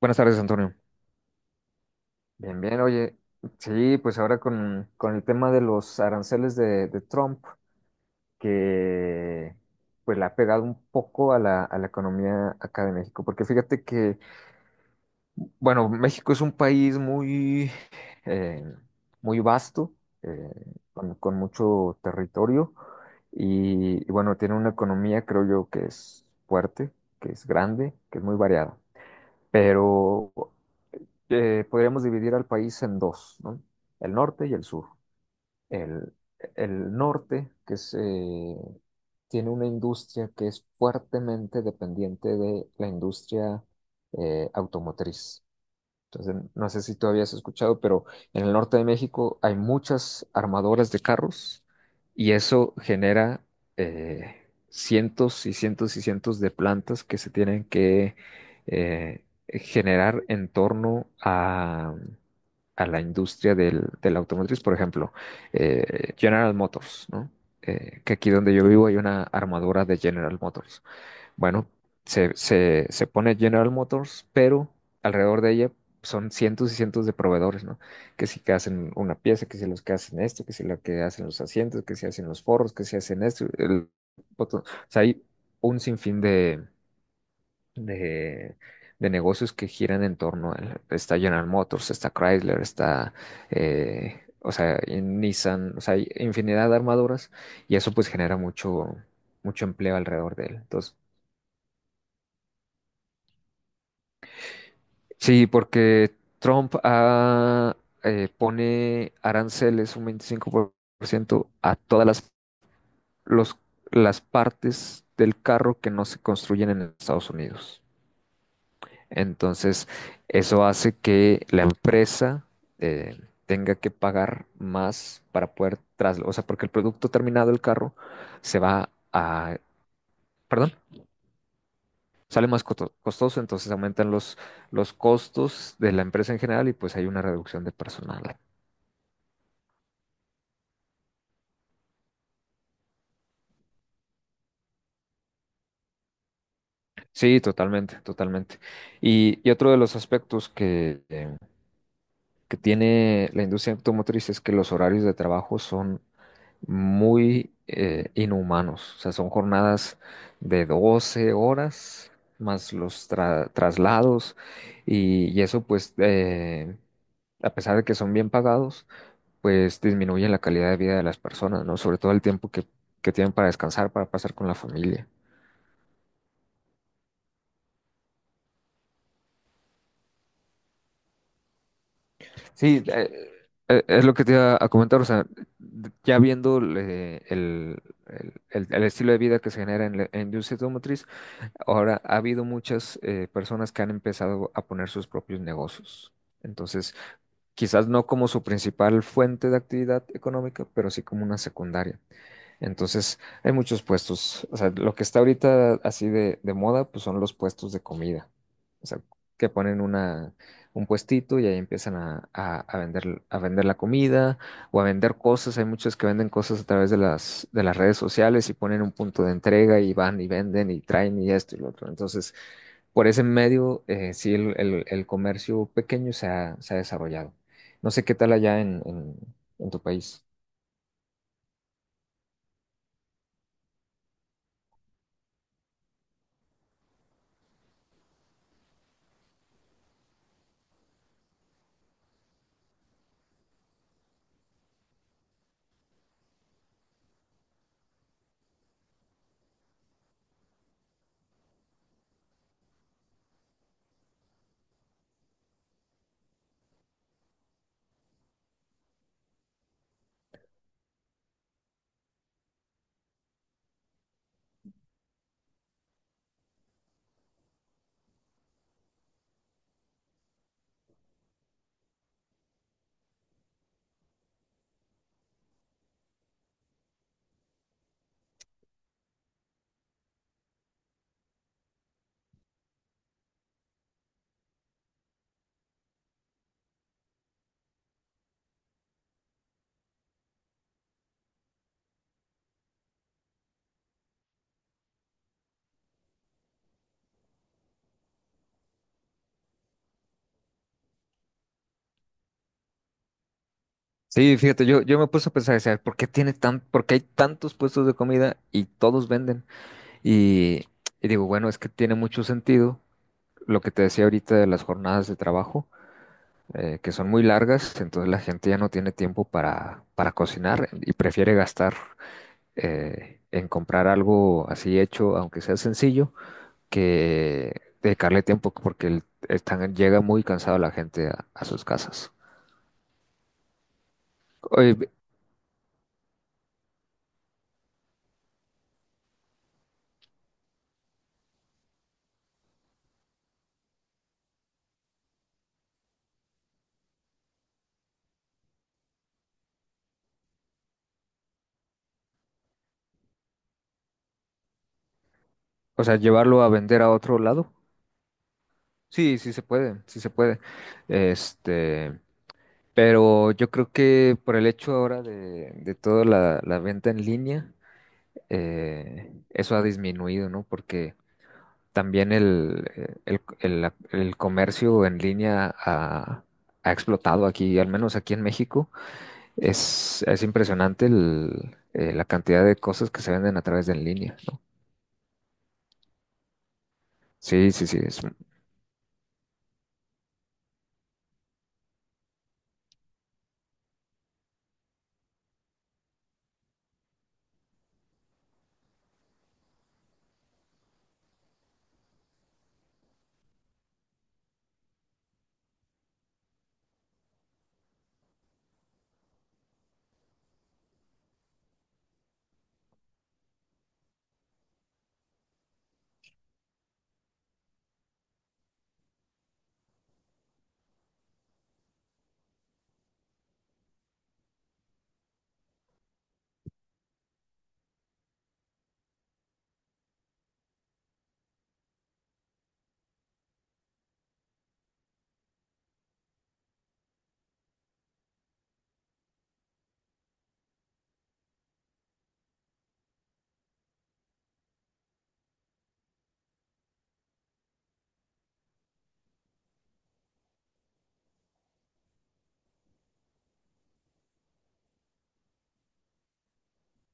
Buenas tardes, Antonio. Bien, bien, oye, sí, pues ahora con el tema de los aranceles de Trump, que pues le ha pegado un poco a la economía acá de México, porque fíjate que, bueno, México es un país muy, eh, muy vasto, eh, con mucho territorio, y bueno, tiene una economía, creo yo, que es fuerte, que es grande, que es muy variada, pero podríamos dividir al país en dos, ¿no? El norte y el sur. El, el norte, que es, tiene una industria que es fuertemente dependiente de la industria automotriz. Entonces, no sé si todavía has escuchado, pero en el norte de México hay muchas armadoras de carros y eso genera cientos y cientos y cientos de plantas que se tienen que eh, generar en torno a la industria del, de la automotriz. Por ejemplo, General Motors, ¿no? Que aquí donde yo vivo hay una armadora de General Motors. Bueno, se pone General Motors, pero alrededor de ella son cientos y cientos de proveedores, ¿no? Que si que hacen una pieza, que si los que hacen esto, que si la que hacen los asientos, que si hacen los forros, que si hacen esto, el botón. O sea, hay un sinfín de, de negocios que giran en torno a él. Está General Motors, está Chrysler, está, o sea, en Nissan, o sea, hay infinidad de armaduras y eso pues genera mucho, mucho empleo alrededor de él. Entonces, sí, porque Trump pone aranceles un 25% a todas las, los- las partes del carro que no se construyen en Estados Unidos. Entonces, eso hace que la empresa eh, tenga que pagar más para poder trasladar, o sea, porque el producto terminado del carro se va a, perdón, sale más costoso, entonces aumentan los costos de la empresa en general y pues hay una reducción de personal. Sí, totalmente, totalmente. Y otro de los aspectos que tiene la industria automotriz es que los horarios de trabajo son muy inhumanos. O sea, son jornadas de 12 horas más los traslados y eso pues a pesar de que son bien pagados, pues disminuye la calidad de vida de las personas, ¿no? Sobre todo el tiempo que tienen para descansar, para pasar con la familia. Sí, es lo que te iba a comentar, o sea, ya viendo el estilo de vida que se genera en la industria automotriz, ahora ha habido muchas personas que han empezado a poner sus propios negocios. Entonces, quizás no como su principal fuente de actividad económica, pero sí como una secundaria. Entonces, hay muchos puestos. O sea, lo que está ahorita así de moda, pues son los puestos de comida. O sea, que ponen una, un puestito y ahí empiezan a, a vender la comida o a vender cosas. Hay muchos que venden cosas a través de las redes sociales y ponen un punto de entrega y van y venden y traen y esto y lo otro. Entonces, por ese medio, sí, el, el comercio pequeño se ha desarrollado. No sé qué tal allá en tu país. Sí, fíjate, yo me puse a pensar, o sea, ¿por qué tiene tan, por qué hay tantos puestos de comida y todos venden? Y, y digo, bueno, es que tiene mucho sentido lo que te decía ahorita de las jornadas de trabajo, que son muy largas, entonces la gente ya no tiene tiempo para cocinar y prefiere gastar en comprar algo así hecho, aunque sea sencillo, que dedicarle tiempo porque están, llega muy cansada la gente a sus casas. Oye, o sea, llevarlo a vender a otro lado. Sí, sí se puede, sí se puede. Este, pero yo creo que por el hecho ahora de toda la, la venta en línea, eso ha disminuido, ¿no? Porque también el, el comercio en línea ha, ha explotado aquí, al menos aquí en México. Es impresionante la cantidad de cosas que se venden a través de en línea, ¿no? Sí, sí, sí, es,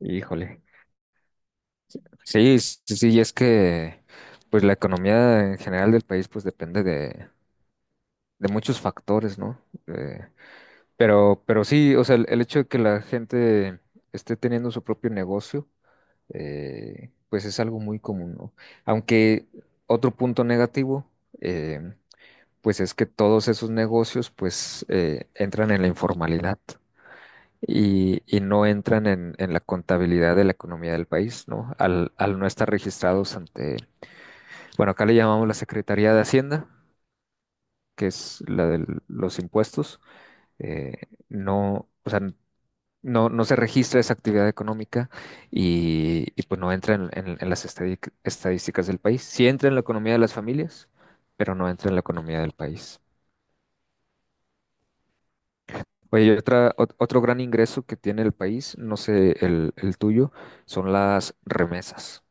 híjole. Sí, sí, sí, sí, y es que pues la economía en general del país pues depende de muchos factores, ¿no? Eh, pero sí, o sea, el hecho de que la gente esté teniendo su propio negocio, pues es algo muy común, ¿no? Aunque otro punto negativo, eh, pues es que todos esos negocios pues entran en la informalidad y no entran en la contabilidad de la economía del país, ¿no? Al, al no estar registrados ante bueno, acá le llamamos la Secretaría de Hacienda, que es la de los impuestos. Eh, no, o sea, no, no se registra esa actividad económica y, pues no entra en, en las estadísticas del país. Sí entra en la economía de las familias, pero no entra en la economía del país. Oye, y otra, otro gran ingreso que tiene el país, no sé el tuyo, son las remesas.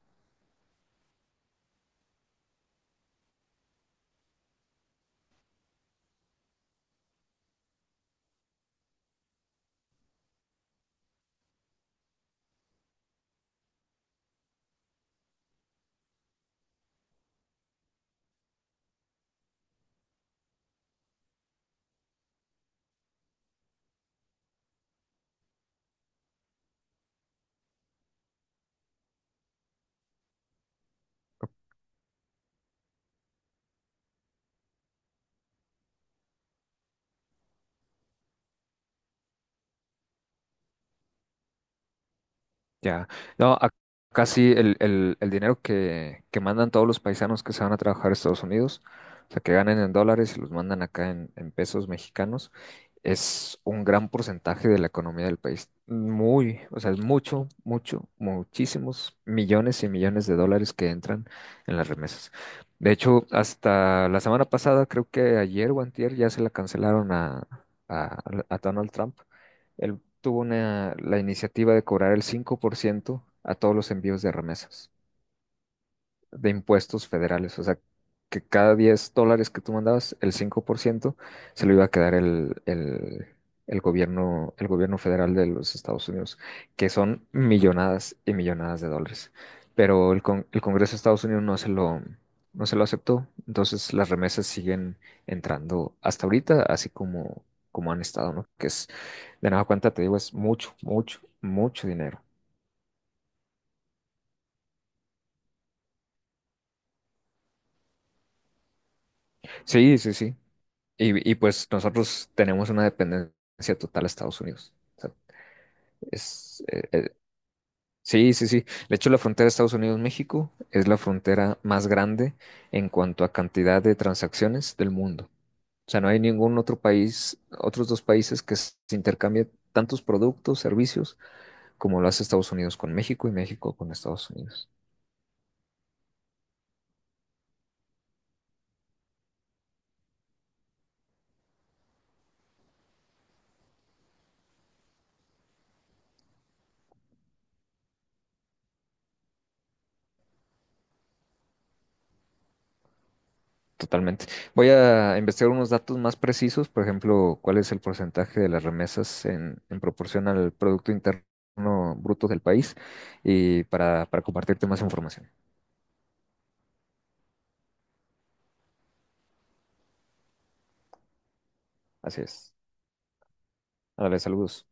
Ya. No, acá sí el, el dinero que mandan todos los paisanos que se van a trabajar a Estados Unidos, o sea, que ganen en dólares y los mandan acá en pesos mexicanos, es un gran porcentaje de la economía del país. Muy, o sea, es mucho, mucho, muchísimos millones y millones de dólares que entran en las remesas. De hecho, hasta la semana pasada, creo que ayer o antier, ya se la cancelaron a, a Donald Trump. Él tuvo una, la iniciativa de cobrar el 5% a todos los envíos de remesas de impuestos federales. O sea, que cada 10 dólares que tú mandabas, el 5% se lo iba a quedar el gobierno federal de los Estados Unidos, que son millonadas y millonadas de dólares. Pero el, el Congreso de Estados Unidos no se lo, no se lo aceptó. Entonces las remesas siguen entrando hasta ahorita, así como, como han estado, ¿no? Que es, de nada cuenta, te digo, es mucho, mucho, mucho dinero. Sí, sí, sí. Y, pues nosotros tenemos una dependencia total a Estados Unidos. O sea, es, sí, sí, sí. De hecho, la frontera de Estados Unidos-México es la frontera más grande en cuanto a cantidad de transacciones del mundo. O sea, no hay ningún otro país, otros dos países que se intercambien tantos productos, servicios, como lo hace Estados Unidos con México y México con Estados Unidos. Totalmente. Voy a investigar unos datos más precisos, por ejemplo, cuál es el porcentaje de las remesas en proporción al Producto Interno Bruto del país y para compartirte más información. Así es. Dale, saludos.